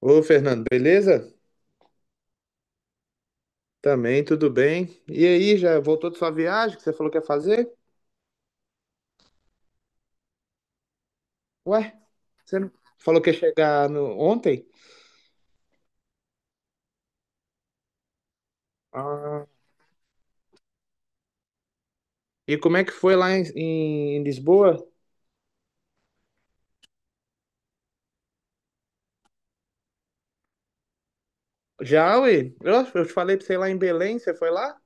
Ô, Fernando, beleza? Também, tudo bem. E aí, já voltou de sua viagem que você falou que ia fazer? Ué, você não falou que ia chegar ontem? Ah. E como é que foi lá em Lisboa? Já, ué? Eu te falei pra você ir lá em Belém, você foi lá?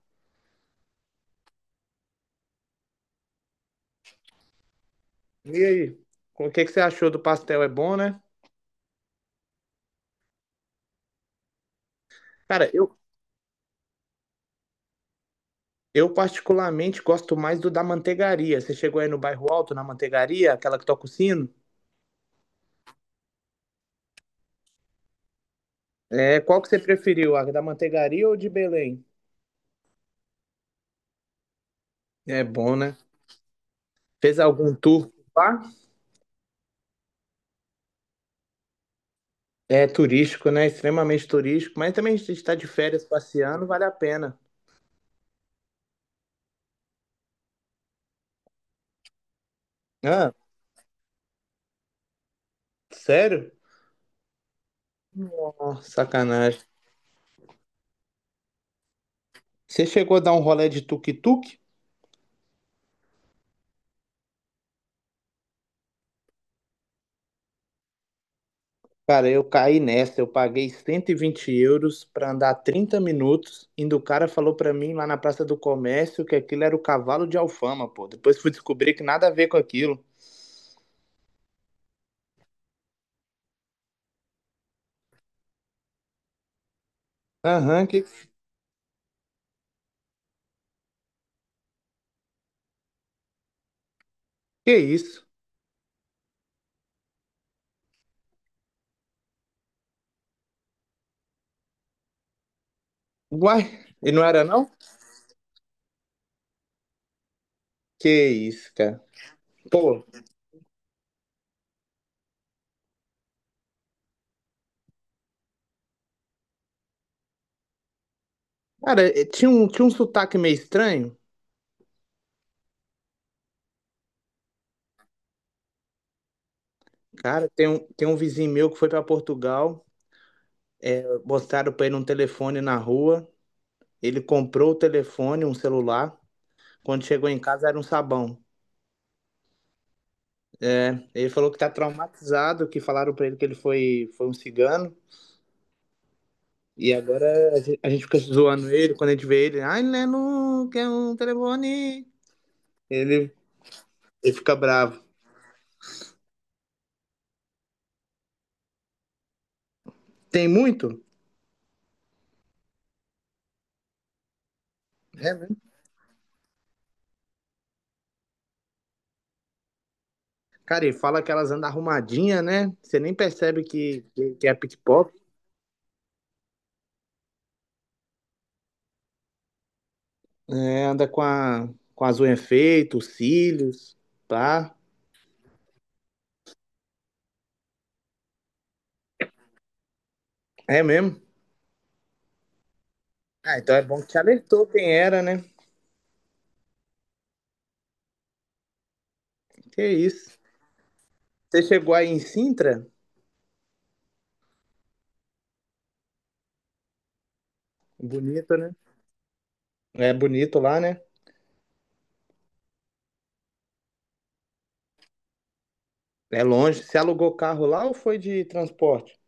E aí? O que que você achou do pastel? É bom, né? Cara, eu particularmente gosto mais do da manteigaria. Você chegou aí no bairro Alto, na manteigaria, aquela que toca o sino? É, qual que você preferiu, a da manteigaria ou de Belém? É bom, né? Fez algum tour lá? É turístico, né? Extremamente turístico. Mas também a gente está de férias passeando, vale a pena. Ah, sério? Oh, sacanagem. Você chegou a dar um rolê de tuk-tuk? Cara, eu caí nessa. Eu paguei 120 euros para andar 30 minutos. Indo o cara falou para mim lá na Praça do Comércio que aquilo era o cavalo de Alfama, pô. Depois fui descobrir que nada a ver com aquilo. Aham, que é isso? Uai, e não era não? Que isso, cara. Pô, cara, tinha um sotaque meio estranho. Cara, tem um vizinho meu que foi para Portugal, mostraram para ele um telefone na rua. Ele comprou o telefone, um celular. Quando chegou em casa era um sabão. Ele falou que tá traumatizado, que falaram para ele que ele foi um cigano. E agora a gente fica zoando ele quando a gente vê ele. Ai, Lenu, quer um telefone? Ele, ele fica bravo. Tem muito? É, né? Cara, e fala que elas andam arrumadinha, né? Você nem percebe que é pickpocket. É, anda com as unhas feitas, os cílios, pá. É mesmo? Ah, então é bom que te alertou quem era, né? Que isso. Você chegou aí em Sintra? Bonito, né? É bonito lá, né? É longe. Você alugou carro lá ou foi de transporte?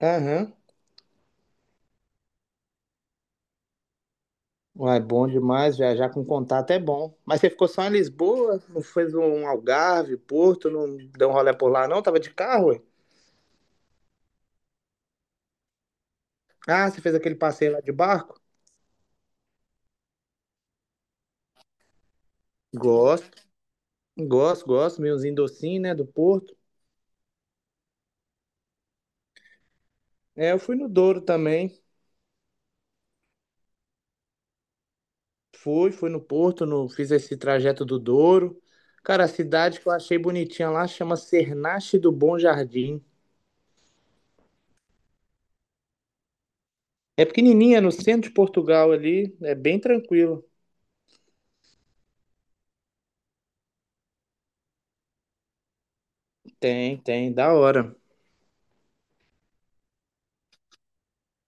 Aham. Uai, bom demais. Viajar com contato é bom. Mas você ficou só em Lisboa? Não fez um Algarve, Porto? Não deu um rolê por lá, não? Tava de carro, ué? Ah, você fez aquele passeio lá de barco? Gosto, gosto, gosto. Meiozinho docinho, né? Do Porto. É, eu fui no Douro também. Fui no Porto, no, fiz esse trajeto do Douro. Cara, a cidade que eu achei bonitinha lá chama Cernache do Bom Jardim. É pequenininha, é no centro de Portugal ali, é bem tranquilo. Tem, da hora.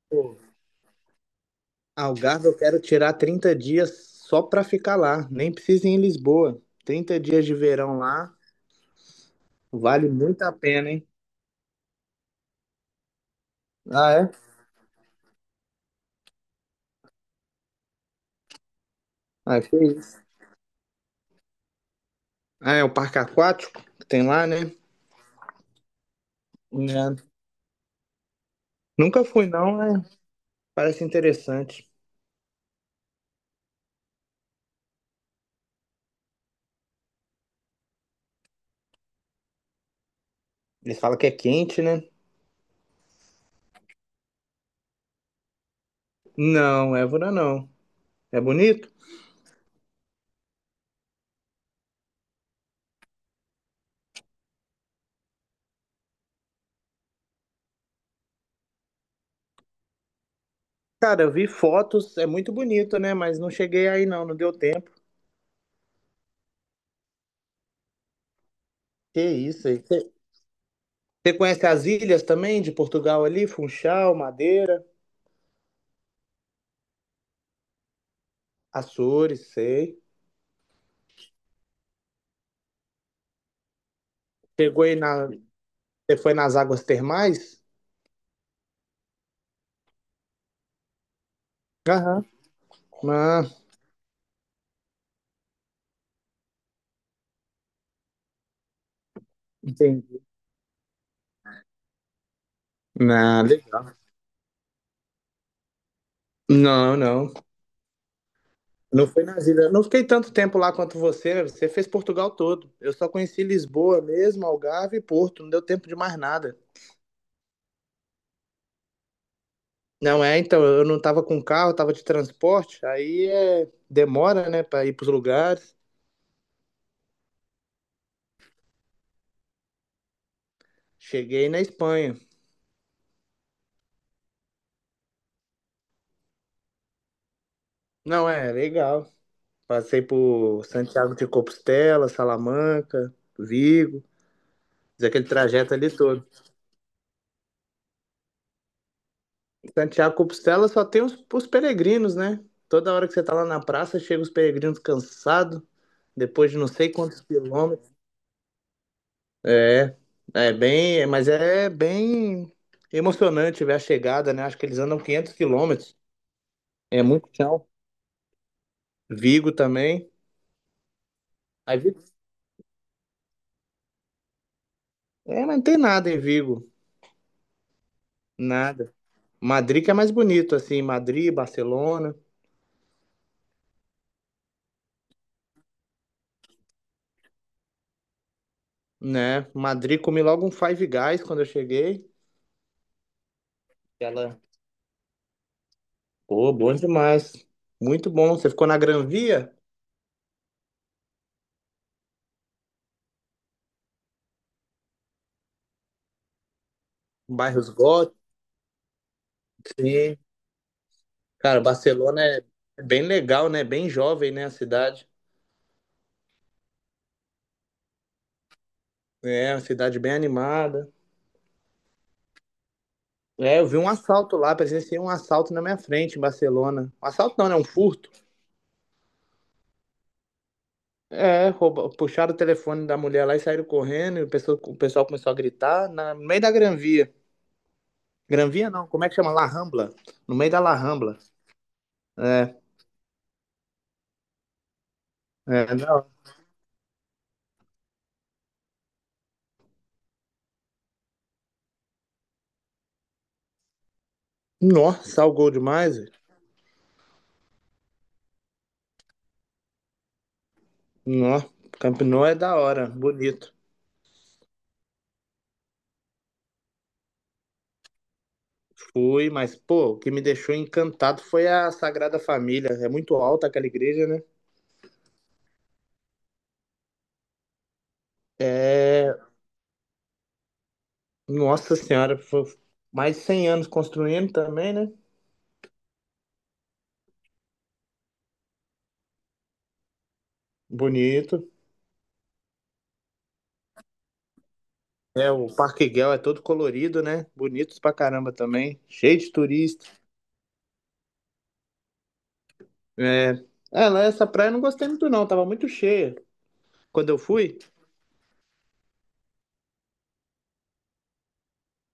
Pô, Algarve eu quero tirar 30 dias só pra ficar lá. Nem precisa ir em Lisboa. 30 dias de verão lá, vale muito a pena, hein? Ah, é? Ah, que isso. Ah, é o parque aquático que tem lá, né? É. Nunca fui, não, né? Parece interessante. Eles falam que é quente, né? Não, Évora não. É bonito? Cara, eu vi fotos, é muito bonito, né? Mas não cheguei aí não, não deu tempo. Que isso aí. Você conhece as ilhas também de Portugal ali? Funchal, Madeira, Açores, sei. Chegou aí na. Você foi nas águas termais? Aham. Ah, entendi. Nada. Não, não. Não foi na ilhas. Não fiquei tanto tempo lá quanto você. Você fez Portugal todo. Eu só conheci Lisboa mesmo, Algarve e Porto. Não deu tempo de mais nada. Não é, então, eu não tava com carro, tava de transporte. Aí é, demora, né, para ir pros lugares. Cheguei na Espanha. Não é, legal. Passei por Santiago de Compostela, Salamanca, Vigo, fiz aquele trajeto ali todo. Santiago de Compostela só tem os peregrinos, né? Toda hora que você tá lá na praça, chega os peregrinos cansados, depois de não sei quantos quilômetros. É, mas é bem emocionante ver a chegada, né? Acho que eles andam 500 quilômetros. É muito chão. Vigo também. Aí, é, mas não tem nada em Vigo, nada. Madrid que é mais bonito, assim, Madrid, Barcelona, né? Madrid comi logo um Five Guys quando eu cheguei. Pô, bom demais. Muito bom. Você ficou na Gran Via? Bairros góticos, sim. Cara, Barcelona é bem legal, né? Bem jovem, né? A cidade. É, uma cidade bem animada. É, eu vi um assalto lá, presenciei um assalto na minha frente em Barcelona. Um assalto não, né? Um furto. É, rouba, puxaram o telefone da mulher lá e saíram correndo. E o pessoal começou a gritar no meio da Gran Via. Gran Via não, como é que chama? La Rambla. No meio da La Rambla. É, é, não. Nossa, salgou demais. Nó, Camp Nou é da hora, bonito. Fui, mas, pô, o que me deixou encantado foi a Sagrada Família. É muito alta aquela igreja, né? É, nossa senhora, foi mais de 100 anos construindo também, né? Bonito. É, o Parque Guel é todo colorido, né? Bonitos pra caramba também. Cheio de turista. É, é, lá essa praia eu não gostei muito não, tava muito cheia. Quando eu fui,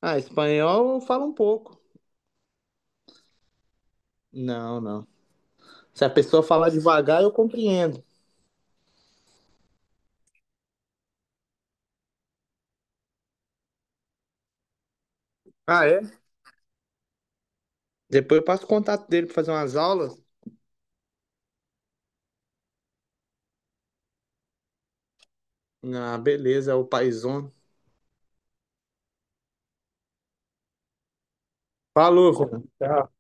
ah, espanhol eu falo um pouco. Não, não. Se a pessoa falar devagar, eu compreendo. Ah, é? Depois eu passo o contato dele pra fazer umas aulas. Ah, beleza, é o paizão. Falou, Juan. Tchau.